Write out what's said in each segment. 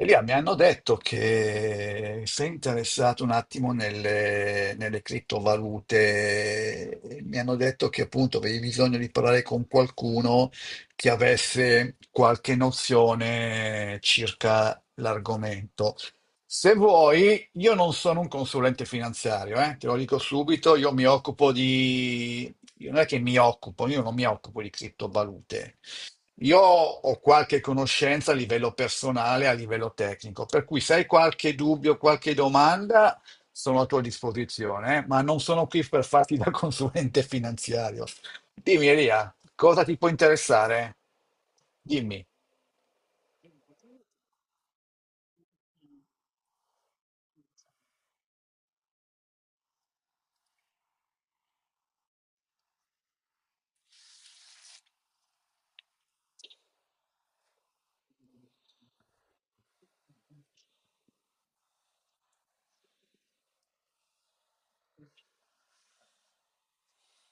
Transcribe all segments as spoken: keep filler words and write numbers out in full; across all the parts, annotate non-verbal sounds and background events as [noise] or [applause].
Elia, mi hanno detto che sei interessato un attimo nelle, nelle criptovalute, e mi hanno detto che appunto avevi bisogno di parlare con qualcuno che avesse qualche nozione circa l'argomento. Se vuoi, io non sono un consulente finanziario, eh, te lo dico subito, io mi occupo di... io Non è che mi occupo, io non mi occupo di criptovalute. Io ho qualche conoscenza a livello personale, a livello tecnico, per cui se hai qualche dubbio, qualche domanda, sono a tua disposizione, eh, ma non sono qui per farti da [laughs] consulente finanziario. Dimmi, Elia, cosa ti può interessare? Dimmi.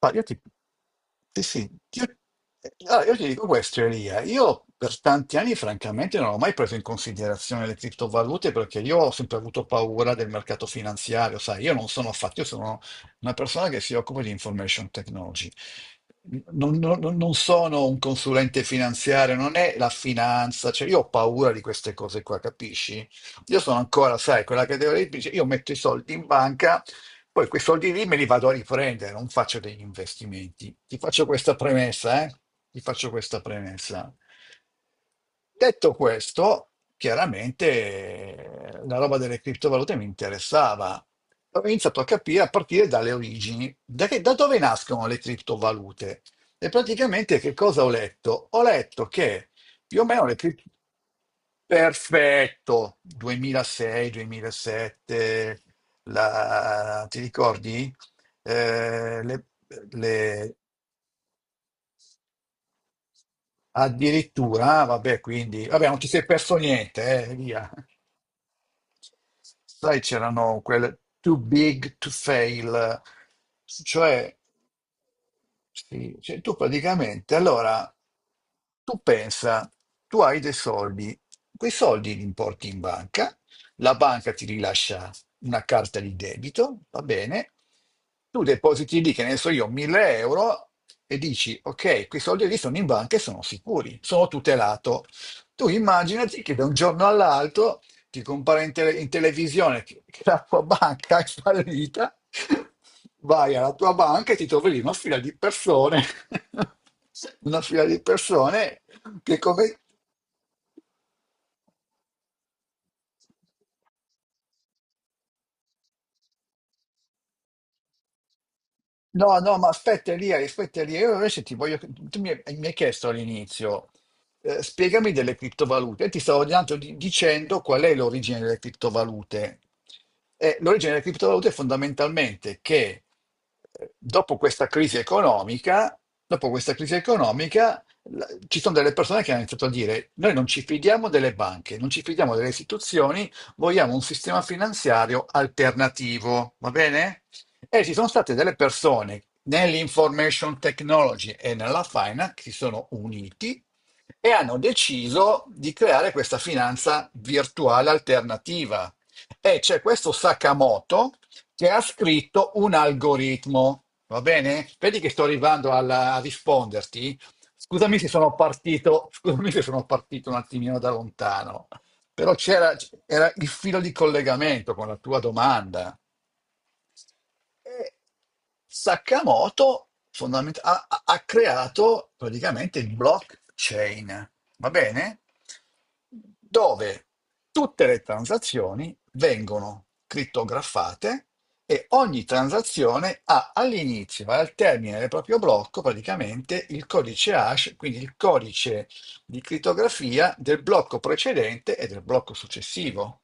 Ma io ti, sì, sì, io, allora, io ti dico questo, Elia. Io per tanti anni, francamente, non ho mai preso in considerazione le criptovalute perché io ho sempre avuto paura del mercato finanziario, sai, io non sono affatto, io sono una persona che si occupa di information technology. Non, non- non- non sono un consulente finanziario, non è la finanza, cioè io ho paura di queste cose qua, capisci? Io sono ancora, sai, quella categoria che dice io metto i soldi in banca. Poi quei soldi lì me li vado a riprendere, non faccio degli investimenti. Ti faccio questa premessa, eh? Ti faccio questa premessa. Detto questo, chiaramente eh, la roba delle criptovalute mi interessava. Ho iniziato a capire a partire dalle origini, da, che- da dove nascono le criptovalute. E praticamente che cosa ho letto? Ho letto che più o meno le criptovalute. Perfetto, duemilasei-duemilasette, la... ti ricordi? Eh, le, le- Addirittura, vabbè, quindi, vabbè, non ti sei perso niente, eh, via. Sai, c'erano quelle too big to fail, cioè sì, cioè tu praticamente, allora, tu pensa, tu hai dei soldi, quei soldi li importi in banca, la banca ti rilascia una carta di debito, va bene, tu depositi lì, che ne so io, mille euro e dici, ok, quei soldi lì sono in banca e sono sicuri, sono tutelato. Tu immaginati che da un giorno all'altro ti compare in, tele- in televisione che, che la tua banca è fallita, vai alla tua banca e ti trovi lì una fila di persone, [laughs] una fila di persone che come, no, no, ma aspetta Elia, aspetta Elia, io invece ti voglio... Tu mi, hai mi hai chiesto all'inizio, eh, spiegami delle criptovalute. E ti stavo tanto di- dicendo qual è l'origine delle criptovalute. Eh, l'origine delle criptovalute è fondamentalmente che eh, dopo questa crisi economica, dopo questa crisi economica, la- ci sono delle persone che hanno iniziato a dire noi non ci fidiamo delle banche, non ci fidiamo delle istituzioni, vogliamo un sistema finanziario alternativo, va bene? E ci sono state delle persone nell'information technology e nella finance che si sono uniti e hanno deciso di creare questa finanza virtuale alternativa. E c'è questo Sakamoto che ha scritto un algoritmo. Va bene? Vedi che sto arrivando alla- a risponderti. Scusami se sono partito, scusami se sono partito un attimino da lontano, però c'era era il filo di collegamento con la tua domanda. E Sakamoto fondament- ha, ha- ha creato praticamente il blockchain, va bene? Dove tutte le transazioni vengono crittografate e ogni transazione ha all'inizio e al termine del proprio blocco praticamente il codice hash, quindi il codice di crittografia del blocco precedente e del blocco successivo.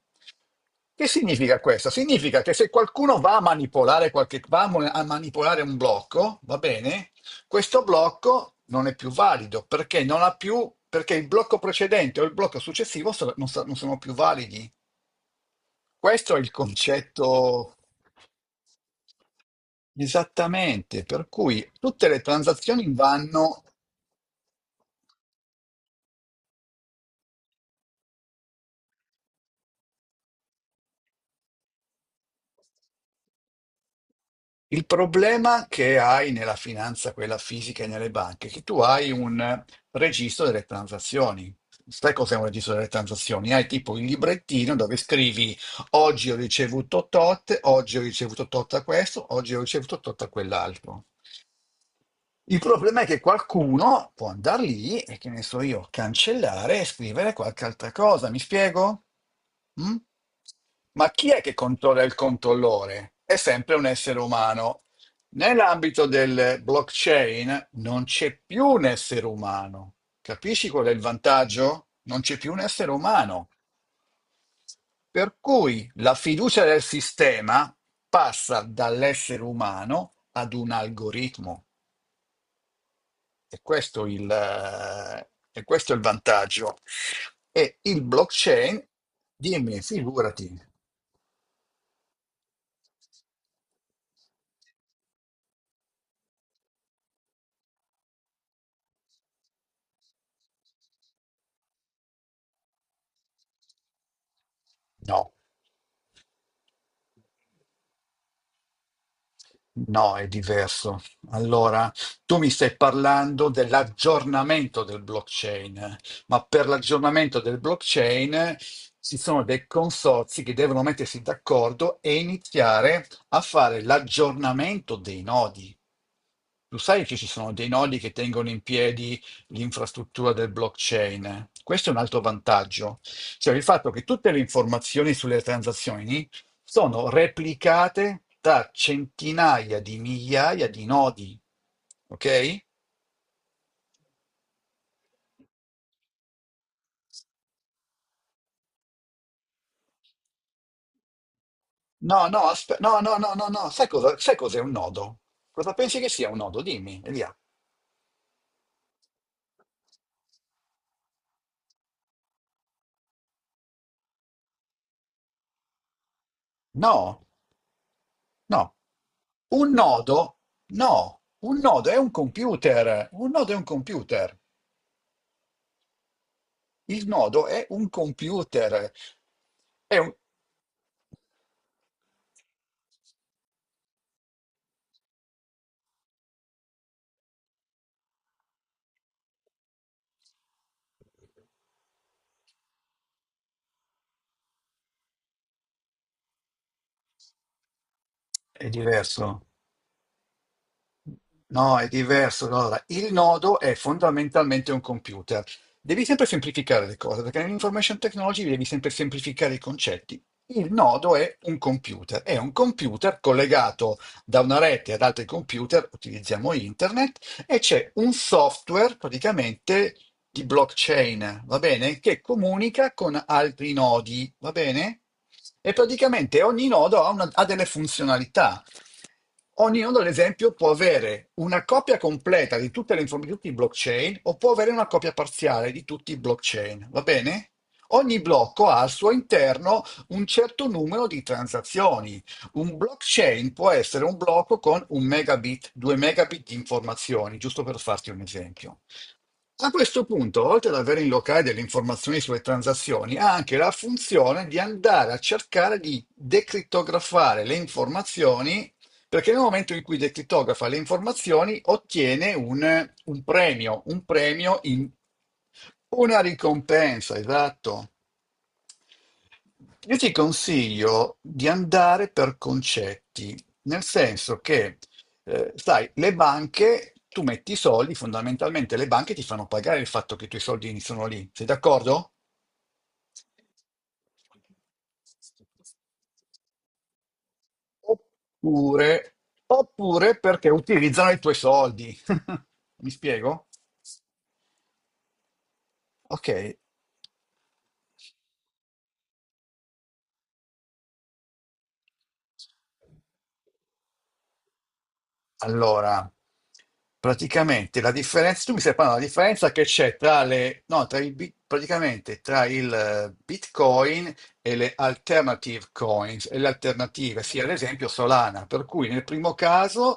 Che significa questo? Significa che se qualcuno va a manipolare, qualche, va a mo- a manipolare un blocco, va bene, questo blocco non è più valido perché non ha più, perché il blocco precedente o il blocco successivo so- non, so- non sono più validi. Questo è il concetto esattamente, per cui tutte le transazioni vanno. Il problema che hai nella finanza, quella fisica e nelle banche, è che tu hai un registro delle transazioni. Sai cos'è un registro delle transazioni? Hai tipo il librettino dove scrivi oggi ho ricevuto tot, oggi ho ricevuto tot a questo, oggi ho ricevuto tot a quell'altro. Il problema è che qualcuno può andare lì e che ne so io, cancellare e scrivere qualche altra cosa, mi spiego? Mm? Ma chi è che controlla il controllore? È sempre un essere umano. Nell'ambito del blockchain non c'è più un essere umano. Capisci qual è il vantaggio? Non c'è più un essere umano. Per cui la fiducia del sistema passa dall'essere umano ad un algoritmo. E questo il, eh, e questo è il vantaggio. E il blockchain, dimmi, figurati. No, No, è diverso. Allora, tu mi stai parlando dell'aggiornamento del blockchain, ma per l'aggiornamento del blockchain ci sono dei consorzi che devono mettersi d'accordo e iniziare a fare l'aggiornamento dei nodi. Tu sai che ci sono dei nodi che tengono in piedi l'infrastruttura del blockchain. Questo è un altro vantaggio, cioè il fatto che tutte le informazioni sulle transazioni sono replicate da centinaia di migliaia di nodi. Ok? No, no, aspe- no, no, no, no, no. Sai cosa, sai cos'è un nodo? Cosa pensi che sia un nodo? Dimmi, Elia. No, no. Un nodo, no. Un nodo è un computer. Un nodo è un computer. Il nodo è un computer. È, un- è diverso. No, è diverso. No, allora, il nodo è fondamentalmente un computer. Devi sempre semplificare le cose, perché nell'information technology devi sempre semplificare i concetti. Il nodo è un computer, è un computer collegato da una rete ad altri computer, utilizziamo internet, e c'è un software praticamente di blockchain, va bene? Che comunica con altri nodi, va bene? E praticamente ogni nodo ha una- ha delle funzionalità. Ognuno, ad esempio, può avere una copia completa di tutte le informazioni, di tutti i blockchain, o può avere una copia parziale di tutti i blockchain, va bene? Ogni blocco ha al suo interno un certo numero di transazioni. Un blockchain può essere un blocco con un megabit, due megabit di informazioni, giusto per farti un esempio. A questo punto, oltre ad avere in locale delle informazioni sulle transazioni, ha anche la funzione di andare a cercare di decrittografare le informazioni perché nel momento in cui decriptografa le informazioni ottiene un, un premio, un premio in una ricompensa, esatto. Io ti consiglio di andare per concetti, nel senso che, eh, sai, le banche, tu metti i soldi, fondamentalmente le banche ti fanno pagare il fatto che i tuoi soldi sono lì, sei d'accordo? Oppure, oppure perché utilizzano i tuoi soldi. [laughs] Mi spiego? Ok, allora, praticamente la differenza, tu mi stai parlando della differenza che c'è tra le, no, tra i, bit- praticamente tra il eh, Bitcoin e le alternative coins, e le alternative, sì, ad esempio Solana, per cui nel primo caso,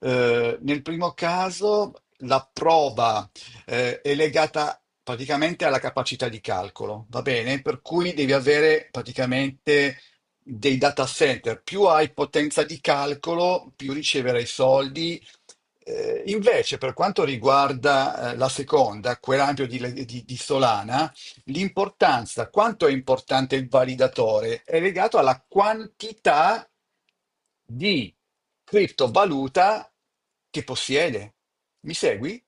eh, nel primo caso la prova eh, è legata praticamente alla capacità di calcolo, va bene? Per cui devi avere praticamente dei data center, più hai potenza di calcolo, più riceverai soldi. Eh, invece, per quanto riguarda eh, la seconda, quell'ampio di, di di Solana, l'importanza, quanto è importante il validatore, è legato alla quantità di criptovaluta che possiede. Mi segui?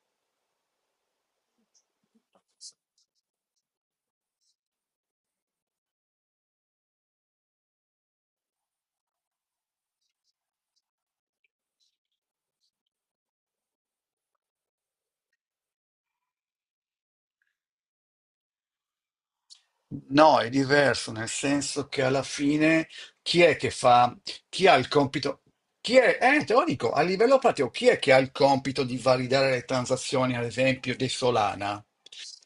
No, è diverso, nel senso che alla fine chi è che fa, chi ha il compito, chi è, eh, te lo dico, a livello pratico, chi è che ha il compito di validare le transazioni, ad esempio, di Solana?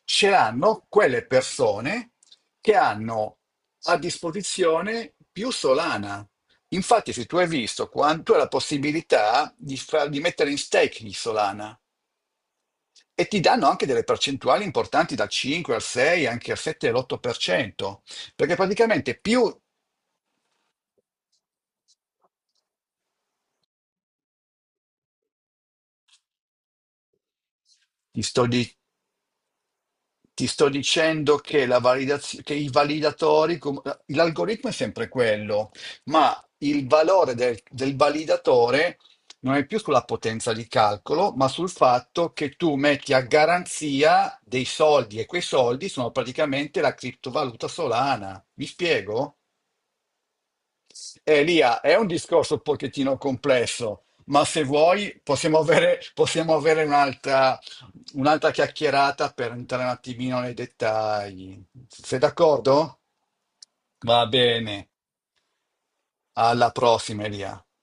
Ce l'hanno quelle persone che hanno a disposizione più Solana. Infatti, se tu hai visto quanto è la possibilità di, far- di mettere in stake di Solana, e ti danno anche delle percentuali importanti dal cinque al sei, anche al sette e all'otto per cento, perché praticamente più ti sto, di- ti sto dicendo che, la validaz- che i validatori, com- eh, l'algoritmo è sempre quello, ma il valore del, del validatore non è più sulla potenza di calcolo, ma sul fatto che tu metti a garanzia dei soldi e quei soldi sono praticamente la criptovaluta Solana. Mi spiego? Elia, è un discorso un pochettino complesso, ma se vuoi possiamo avere, possiamo avere un'altra un'altra chiacchierata per entrare un attimino nei dettagli. Sei d'accordo? Va bene, alla prossima, Elia.